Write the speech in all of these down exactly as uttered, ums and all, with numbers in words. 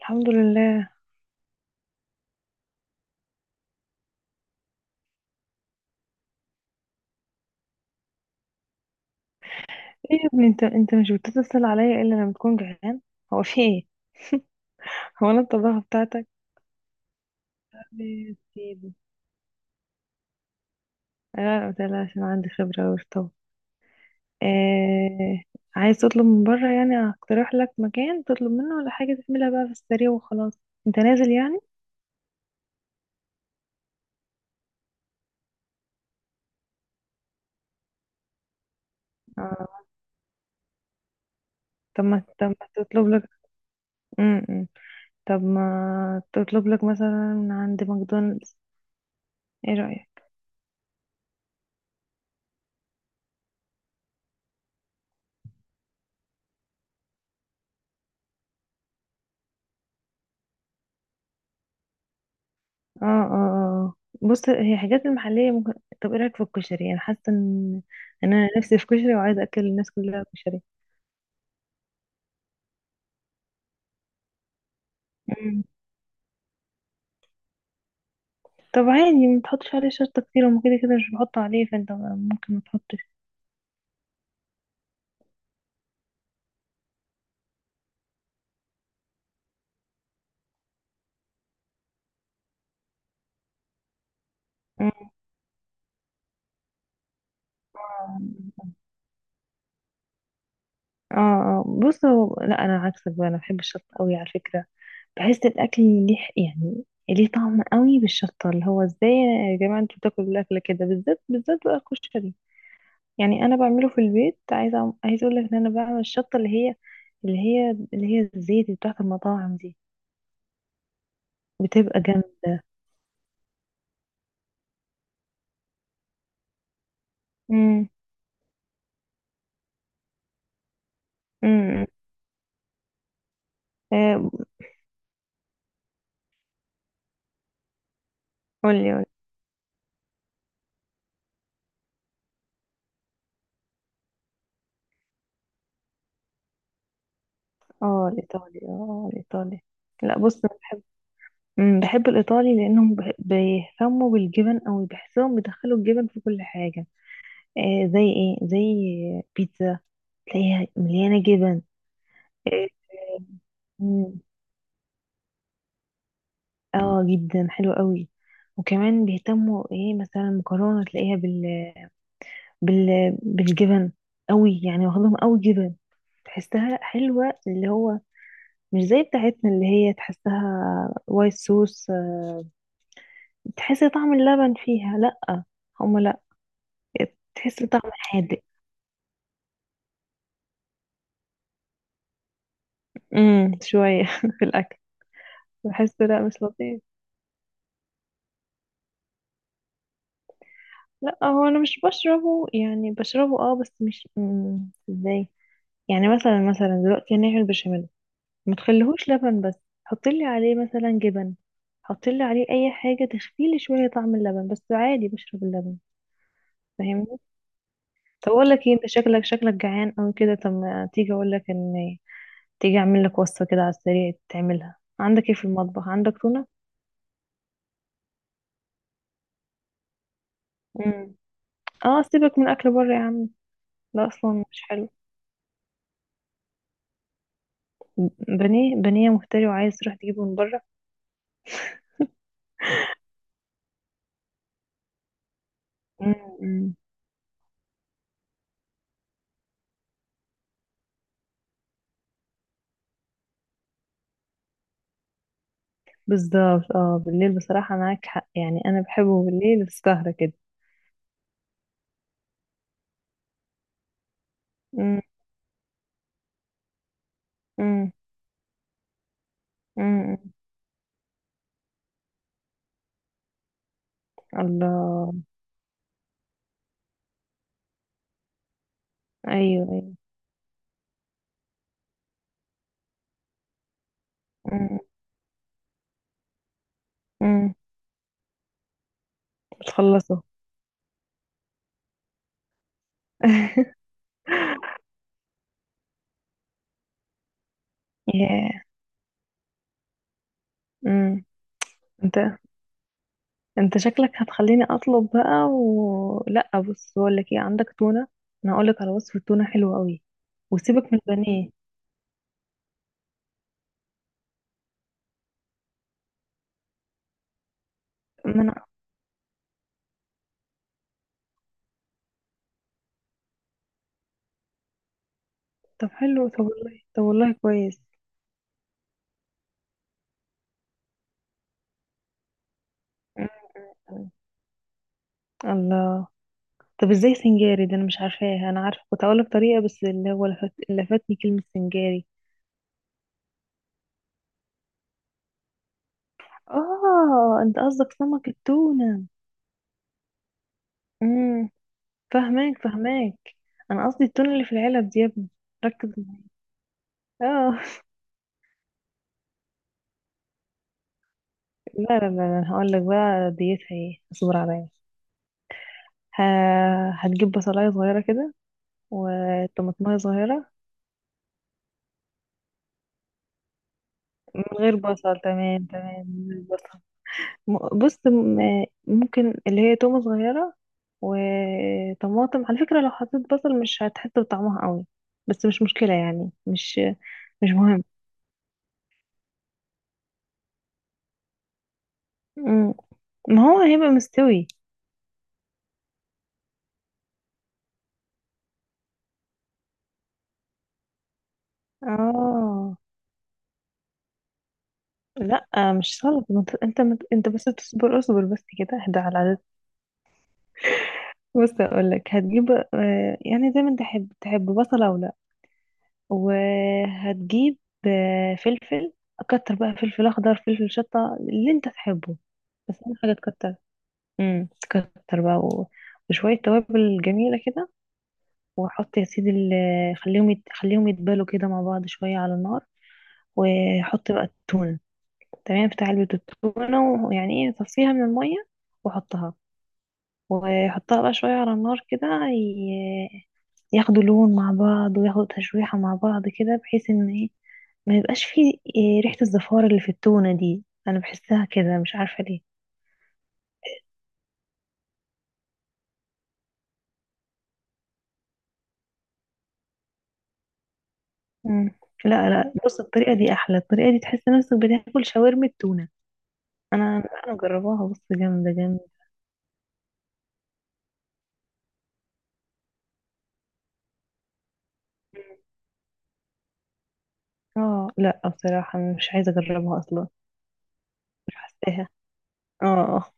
الحمد لله. ايه يا ابني، انت انت مش بتتصل عليا الا لما تكون جعان؟ هو في ايه؟ هو انا الطباخ بتاعتك؟ يا سيدي. لا، قلت لها عشان عندي خبرة أوي في الطبخ. آه... عايز تطلب من بره، يعني هقترح لك مكان تطلب منه، ولا حاجة تعملها بقى في السريع وخلاص؟ انت نازل يعني؟ آه. طب ما طب ما تطلب لك. م -م. طب ما تطلب لك مثلا من عند ماكدونالدز، ايه رأيك؟ اه، اه، اه. بص، هي حاجات المحلية ممكن. طب ايه رأيك في الكشري؟ انا حاسة ان إن انا نفسي في كشري وعايزة اكل الناس كلها كشري. مم. طب عادي ما تحطش عليه شطة كتير، وما كده كده مش بحطه عليه، فانت ممكن ما تحطش. مم. اه، اه، بص، هو لا، انا عكسك بقى، انا بحب الشطة قوي على فكرة. بحس الاكل ليه، يعني ليه طعم قوي بالشطة، اللي هو ازاي يا جماعة انتوا بتاكلوا الاكل كده، بالذات بالذات بقى الكشري؟ يعني انا بعمله في البيت، عايزه عايزه اقول لك ان انا بعمل الشطه اللي هي اللي هي اللي هي الزيت بتاعت المطاعم دي، بتبقى جامده. امم امم آه قولي، قولي. اه، الايطالي، اه، الايطالي. لا، بص، انا بحب. مم، بحب الايطالي لانهم بح- بيهتموا بالجبن، او بحسهم بيدخلوا الجبن في كل حاجه. آه زي ايه، زي بيتزا، تلاقيها مليانه جبن. آه. مم. اه، جدا حلو قوي. وكمان بيهتموا ايه؟ مثلا المكرونه تلاقيها بال... بالجبن قوي، يعني واخدهم قوي جبن، تحسها حلوة، اللي هو مش زي بتاعتنا اللي هي تحسها وايت صوص، تحس طعم اللبن فيها، لأ، هما لأ. تحس طعم حادق، امم شوية في الأكل. بحس لأ، مش لطيف. لأ، هو أنا مش بشربه، يعني بشربه، اه، بس مش، مم، ازاي، يعني مثلا مثلا دلوقتي هنعمل بشاميل، ما تخليهوش لبن بس، حطي لي عليه مثلا جبن، حطي لي عليه اي حاجه تخفي لي شويه طعم اللبن، بس عادي بشرب اللبن، فاهمني؟ طب اقول لك ايه، انت شكلك شكلك جعان او كده، طب ما تيجي اقول لك ان تيجي اعمل لك وصفه كده على السريع تعملها، عندك ايه في المطبخ؟ عندك تونه؟ امم اه، سيبك من اكل بره يا عم، ده اصلا مش حلو. بانيه. بانيه مفتري وعايز تروح تجيبه من بره؟ امم بالظبط، اه، بالليل بصراحه معاك حق، يعني انا بحبه بالليل في السهره كده. امم الله. ايوه، ايوه. أمم، أمم، بتخلصه؟ ياه. أمم. انت انت شكلك هتخليني اطلب بقى و... لا، بص بقول لك ايه، عندك تونه، انا هقول لك على وصفه تونه حلوه قوي، وسيبك من البانيه. ما انا. طب حلو، طب والله، طب والله كويس. أمم، أمم، أمم. الله. طب ازاي سنجاري ده؟ انا مش عارفاه، انا عارفه كنت هقول لك طريقه، بس اللي هو لفت... لفتني كلمه سنجاري. اه، انت قصدك سمك التونه؟ مم. فهماك، فهماك. انا قصدي التون اللي في العلب دي يا ابني، ركز معايا. اه. لا، لا، لا، هقول لك بقى ديتها ايه، اصبر عليا. ه- هتجيب بصلايه صغيره كده، وطماطمايه صغيره. من غير بصل، تمام تمام، من غير بصل. م- بص، م- ممكن اللي هي تومه صغيره، وطماطم، على فكره لو حطيت بصل مش هتحس بطعمها قوي، بس مش مشكله، يعني مش، مش مهم. مم. ما هو هيبقى مستوي. اه، لا مش غلط، ما انت انت مت- انت بس تصبر، اصبر بس كده، اهدى على العدد. بص اقول لك، هتجيب، آه، يعني زي ما انت تحب تحب بصله ولا، وهتجيب آه، فلفل، كتر بقى فلفل اخضر، فلفل شطه اللي انت تحبه، بس اهم حاجه تكتر. امم تكتر بقى و... وشويه توابل جميله كده، وحط يا سيدي ال... خليهم يت... خليهم يتبالوا كده مع بعض شويه على النار، وحط بقى التونه، تمام، بتاع علبه التونه ويعني ايه، صفيها من الميه، وحطها، واحطها بقى شوية على النار كده، ي- ياخدوا لون مع بعض، وياخدوا تشويحة مع بعض كده، بحيث ان ايه، ما يبقاش فيه إيه ريحة الزفارة اللي في التونة دي، انا بحسها كده مش عارفة ليه. مم. لا، لا، بص الطريقة دي احلى، الطريقة دي تحس نفسك بتاكل شاورما التونة. انا انا جرباها، بص، جامدة جامدة. اه لا، بصراحة مش عايزة اجربها اصلا، مش حاساها. اه.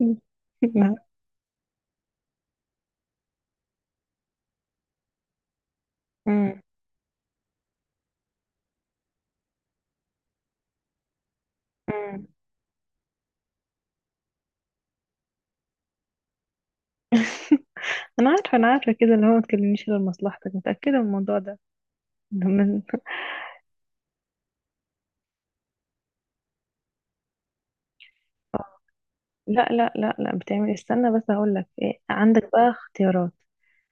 لا. مم. مم. انا عارفه، انا عارفه كده، اللي هو ما تكلمنيش غير مصلحتك، متاكده من الموضوع ده. من... لا، لا، لا، لا، بتعمل إيه؟ استنى بس هقول لك إيه، عندك بقى اختيارات،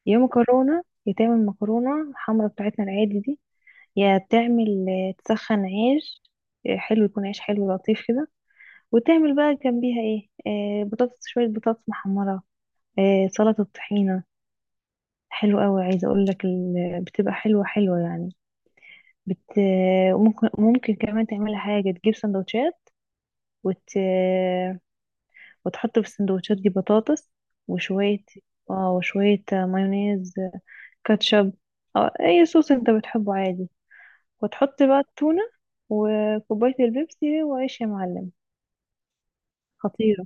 يا مكرونه، يا تعمل مكرونه الحمرا بتاعتنا العادي دي، يا تعمل آه، تسخن عيش، آه، حلو، يكون عيش حلو لطيف كده، وتعمل بقى جنبيها ايه، آه، بطاطس، شويه بطاطس محمره، آه، سلطه طحينه، حلو قوي، عايزه اقول لك ال- بتبقى حلوه حلوه يعني، بت... ممكن ممكن كمان تعملها حاجه، تجيب سندوتشات، وت... وتحط في السندوتشات دي بطاطس، وشوية، اه، وشوية مايونيز، كاتشب، أو أي صوص أنت بتحبه عادي، وتحط بقى التونة، وكوباية البيبسي وعيش يا معلم. خطيرة.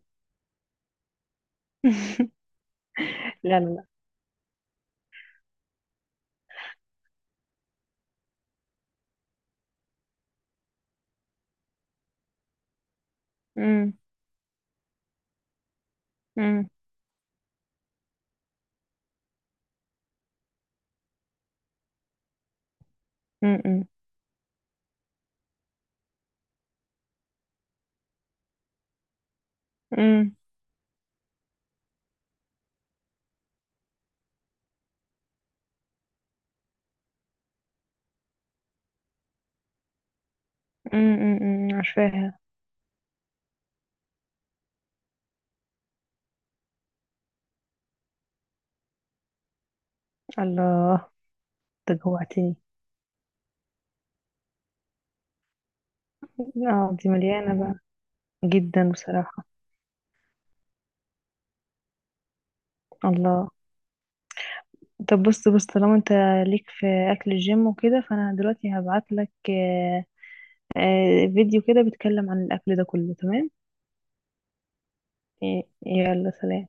لا، لا، لا. أمم، أمم، أمم، أمم، أمم، أمم، عارفاها. الله. ده جوعتني. اه، دي مليانة بقى، جدا بصراحة. الله. طب، بص بص طالما انت ليك في اكل الجيم وكده، فانا دلوقتي هبعت لك، آه، آه، فيديو كده بيتكلم عن الاكل ده كله، تمام؟ إيه، يلا سلام.